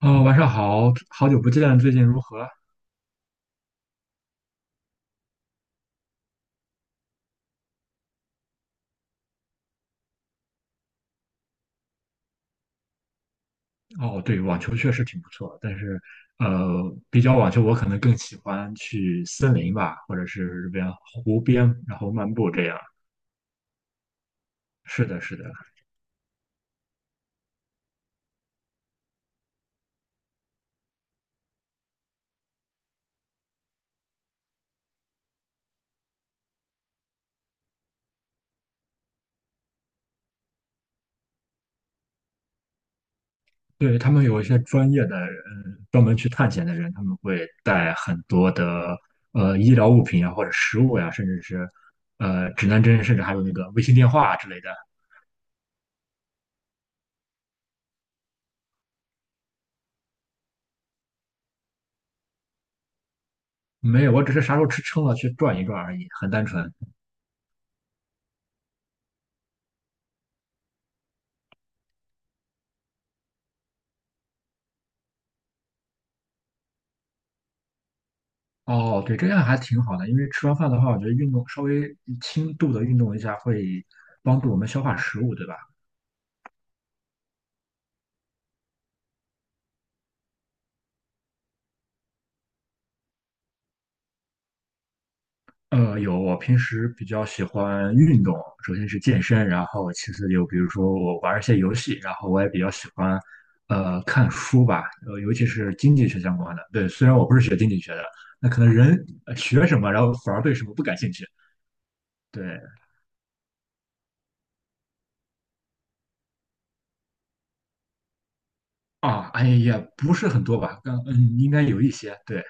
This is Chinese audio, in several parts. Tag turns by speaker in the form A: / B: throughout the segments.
A: 哦，晚上好，好久不见，最近如何？哦，对，网球确实挺不错，但是，比较网球，我可能更喜欢去森林吧，或者是这边湖边，然后漫步这样。是的，是的，对，他们有一些专业的人，专门去探险的人，他们会带很多的医疗物品啊，或者食物呀、甚至是指南针，甚至还有那个卫星电话之类的。没有，我只是啥时候吃撑了去转一转而已，很单纯。哦，对，这样还挺好的，因为吃完饭的话，我觉得运动稍微轻度的运动一下会帮助我们消化食物，对吧？有，我平时比较喜欢运动，首先是健身，然后其次就比如说我玩一些游戏，然后我也比较喜欢看书吧，尤其是经济学相关的。对，虽然我不是学经济学的，那可能人学什么，然后反而对什么不感兴趣。对啊，哎也不是很多吧，应该有一些。对。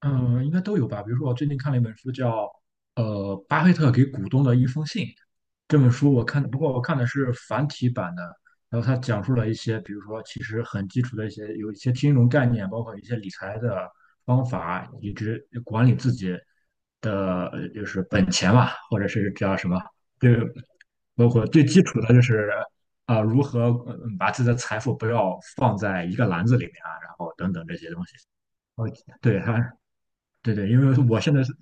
A: 嗯，应该都有吧。比如说，我最近看了一本书叫呃《巴菲特给股东的一封信》。这本书我看，不过我看的是繁体版的。然后他讲述了一些，比如说其实很基础的一些，有一些金融概念，包括一些理财的方法，以及管理自己的就是本钱嘛，或者是叫什么，就是包括最基础的就是啊、如何把自己的财富不要放在一个篮子里面啊，然后等等这些东西。哦，对，它对对，因为我现在是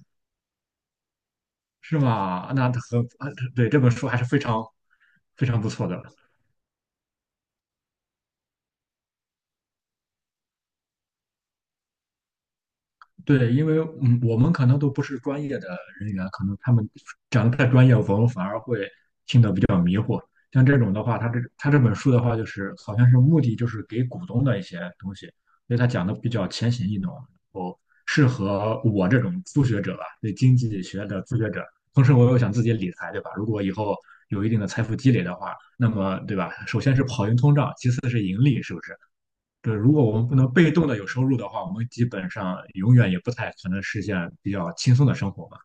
A: 是吗？那和啊，对这本书还是非常非常不错的。对，因为嗯，我们可能都不是专业的人员，可能他们讲的太专业，我们反而会像这种的话，他这本书的话，就是好像是目的就是给股东的一些东西，所以他讲的比较浅显易懂，然后适合我这种初学者吧，对经济学的初学者。同时，我又想自己理财，对吧？如果以后有一定的财富积累的话，那么对吧？首先是跑赢通胀，其次是盈利，是不是？对，如果我们不能被动的有收入的话，我们基本上永远也不太可能实现比较轻松的生活嘛。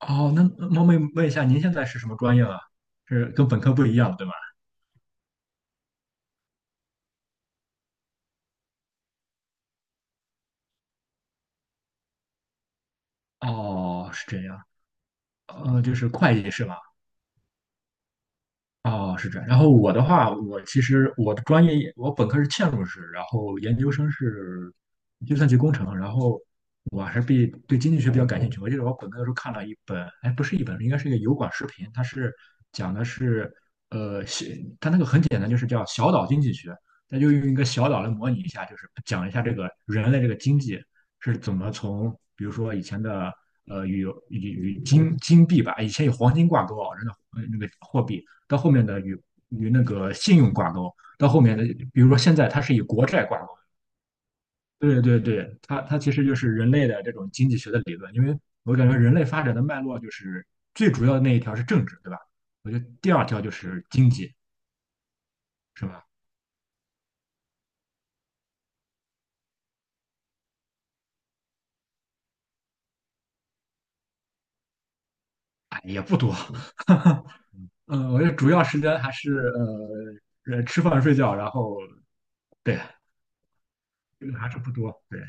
A: 哦，那冒昧问一下，您现在是什么专业啊？是跟本科不一样的，对吗？哦，是这样，就是会计是吧？哦，是这样。然后我的话，我其实我的专业我本科是嵌入式，然后研究生是计算机工程，然后我还是比对经济学比较感兴趣。我记得我本科的时候看了一本，哎，不是一本，应该是一个油管视频，它是讲的是呃，小它那个很简单，就是叫小岛经济学，它就用一个小岛来模拟一下，就是讲一下这个人类这个经济是怎么从，比如说以前的呃与与金币吧，以前有黄金挂钩啊，人的那个货币。到后面的与那个信用挂钩，到后面的比如说现在它是以国债挂钩。对对对，它其实就是人类的这种经济学的理论，因为我感觉人类发展的脉络就是最主要的那一条是政治，对吧？我觉得第二条就是经济，是吧？哎，也不多，嗯，我觉得主要时间还是吃饭睡觉，然后对，这个还是不多，对，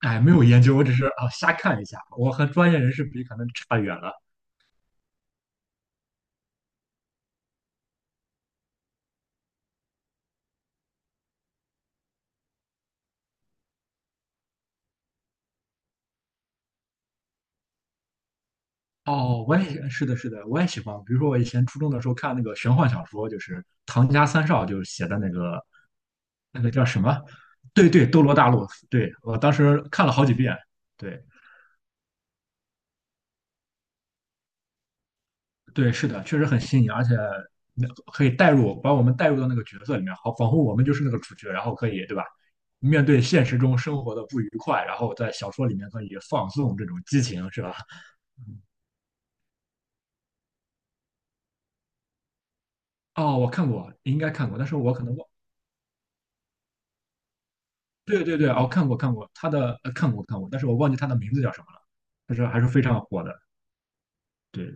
A: 哎，没有研究，我只是啊瞎看一下，我和专业人士比可能差远了。哦，我也是的，是的，我也喜欢。比如说，我以前初中的时候看那个玄幻小说，就是唐家三少就写的那个叫什么？对对，《斗罗大陆》。对，我当时看了好几遍。对对，是的，确实很新颖，而且那可以带入，把我们带入到那个角色里面，好，仿佛我们就是那个主角，然后可以，对吧？面对现实中生活的不愉快，然后在小说里面可以放纵这种激情，是吧？哦，我看过，应该看过，但是我可能忘。对对对，哦，看过看过，他的看过看过，但是我忘记他的名字叫什么了。但是还是非常火的，对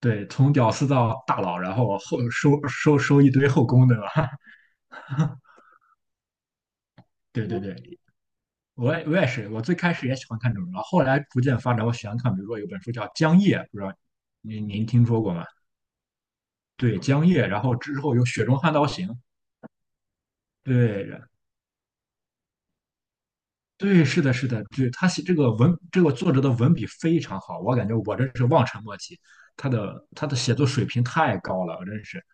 A: 对，从屌丝到大佬，然后收一堆后宫，对吧？对对对，我也是，我最开始也喜欢看这种，然后后来逐渐发展，我喜欢看，比如说有本书叫《江夜》，不知道您听说过吗？对，《江夜》，然后之后有《雪中悍刀行》，对，对，是的，是的，对，他写这个文，这个作者的文笔非常好，我感觉我真是望尘莫及，他的写作水平太高了，真是。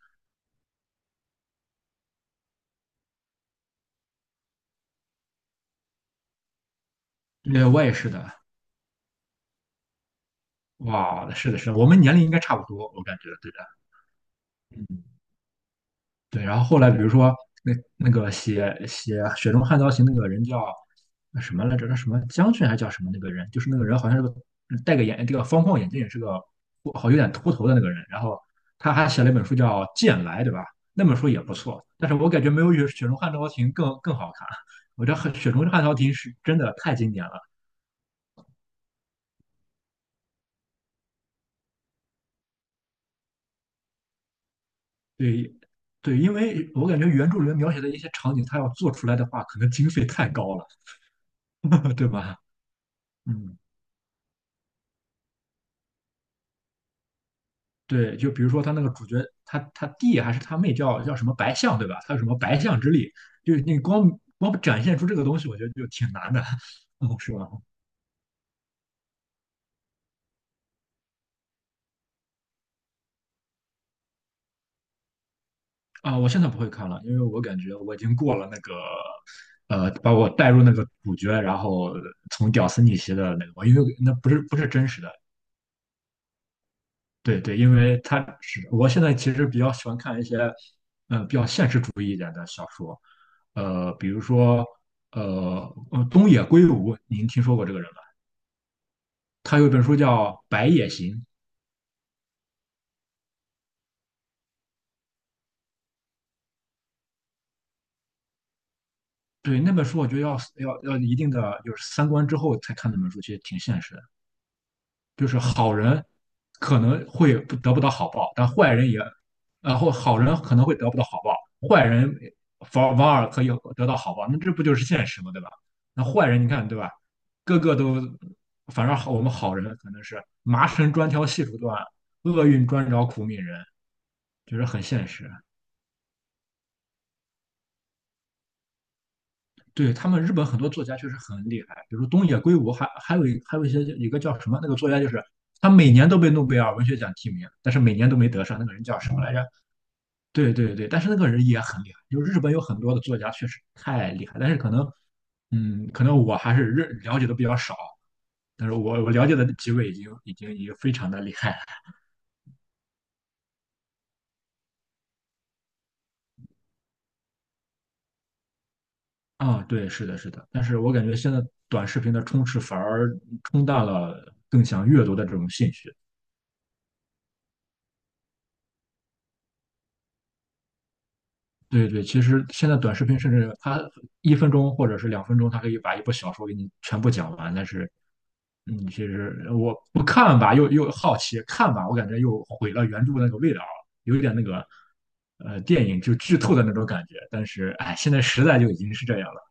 A: 对，我也是的，哇，是的，是的，我们年龄应该差不多，我感觉，对的，嗯。对，然后后来比如说那个写《雪中悍刀行》那个人叫什么来着？那什么将军还叫什么那个人？就是那个人好像是个戴个这个方框眼镜，是个好有点秃头的那个人。然后他还写了一本书叫《剑来》，对吧？那本书也不错，但是我感觉没有《雪中悍刀行》更好看。我觉得很《雪中悍刀行》是真的太经典了。对对，因为我感觉原著里面描写的一些场景，他要做出来的话，可能经费太高了，对吧？嗯。对，就比如说他那个主角，他弟还是他妹叫什么白象，对吧？他有什么白象之力？就是你光展现出这个东西，我觉得就挺难的。嗯，是吧？啊，我现在不会看了，因为我感觉我已经过了那个，把我带入那个主角，然后从屌丝逆袭的那个，我因为那不是真实的。对对，因为他是我现在其实比较喜欢看一些，比如说东野圭吾，您听说过这个人吗？他有一本书叫《白夜行》。对，那本书我觉得要一定的就是三观之后才看那本书，其实挺现实的。就是好人可能会不得不到好报，但坏人也，然后好人可能会得不到好报，坏人反而可以得到好报，那这不就是现实吗？对吧？那坏人你看对吧，个个都，反正好我们好人可能是麻绳专挑细处断，厄运专找苦命人，就是很现实。对他们日本很多作家确实很厉害，比如东野圭吾，还有一个叫什么那个作家，就是他每年都被诺贝尔文学奖提名，但是每年都没得上。那个人叫什么来着？对对对，但是那个人也很厉害。就是日本有很多的作家确实太厉害，但是可能，嗯，可能我还是了解的比较少。但是我了解的几位已经非常的厉害了啊，对，是的，是的。但是我感觉现在短视频的充斥反而冲淡了更想阅读的这种兴趣。对对，其实现在短视频甚至它1分钟或者是2分钟，它可以把一部小说给你全部讲完。但是，嗯，其实我不看吧，又好奇；看吧，我感觉又毁了原著那个味道，有点那个电影就剧透的那种感觉。但是，哎，现在时代就已经是这样了。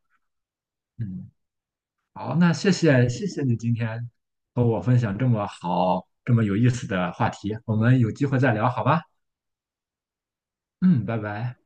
A: 嗯，好，那谢谢谢谢你今天和我分享这么好、这么有意思的话题，我们有机会再聊好吗？嗯，拜拜。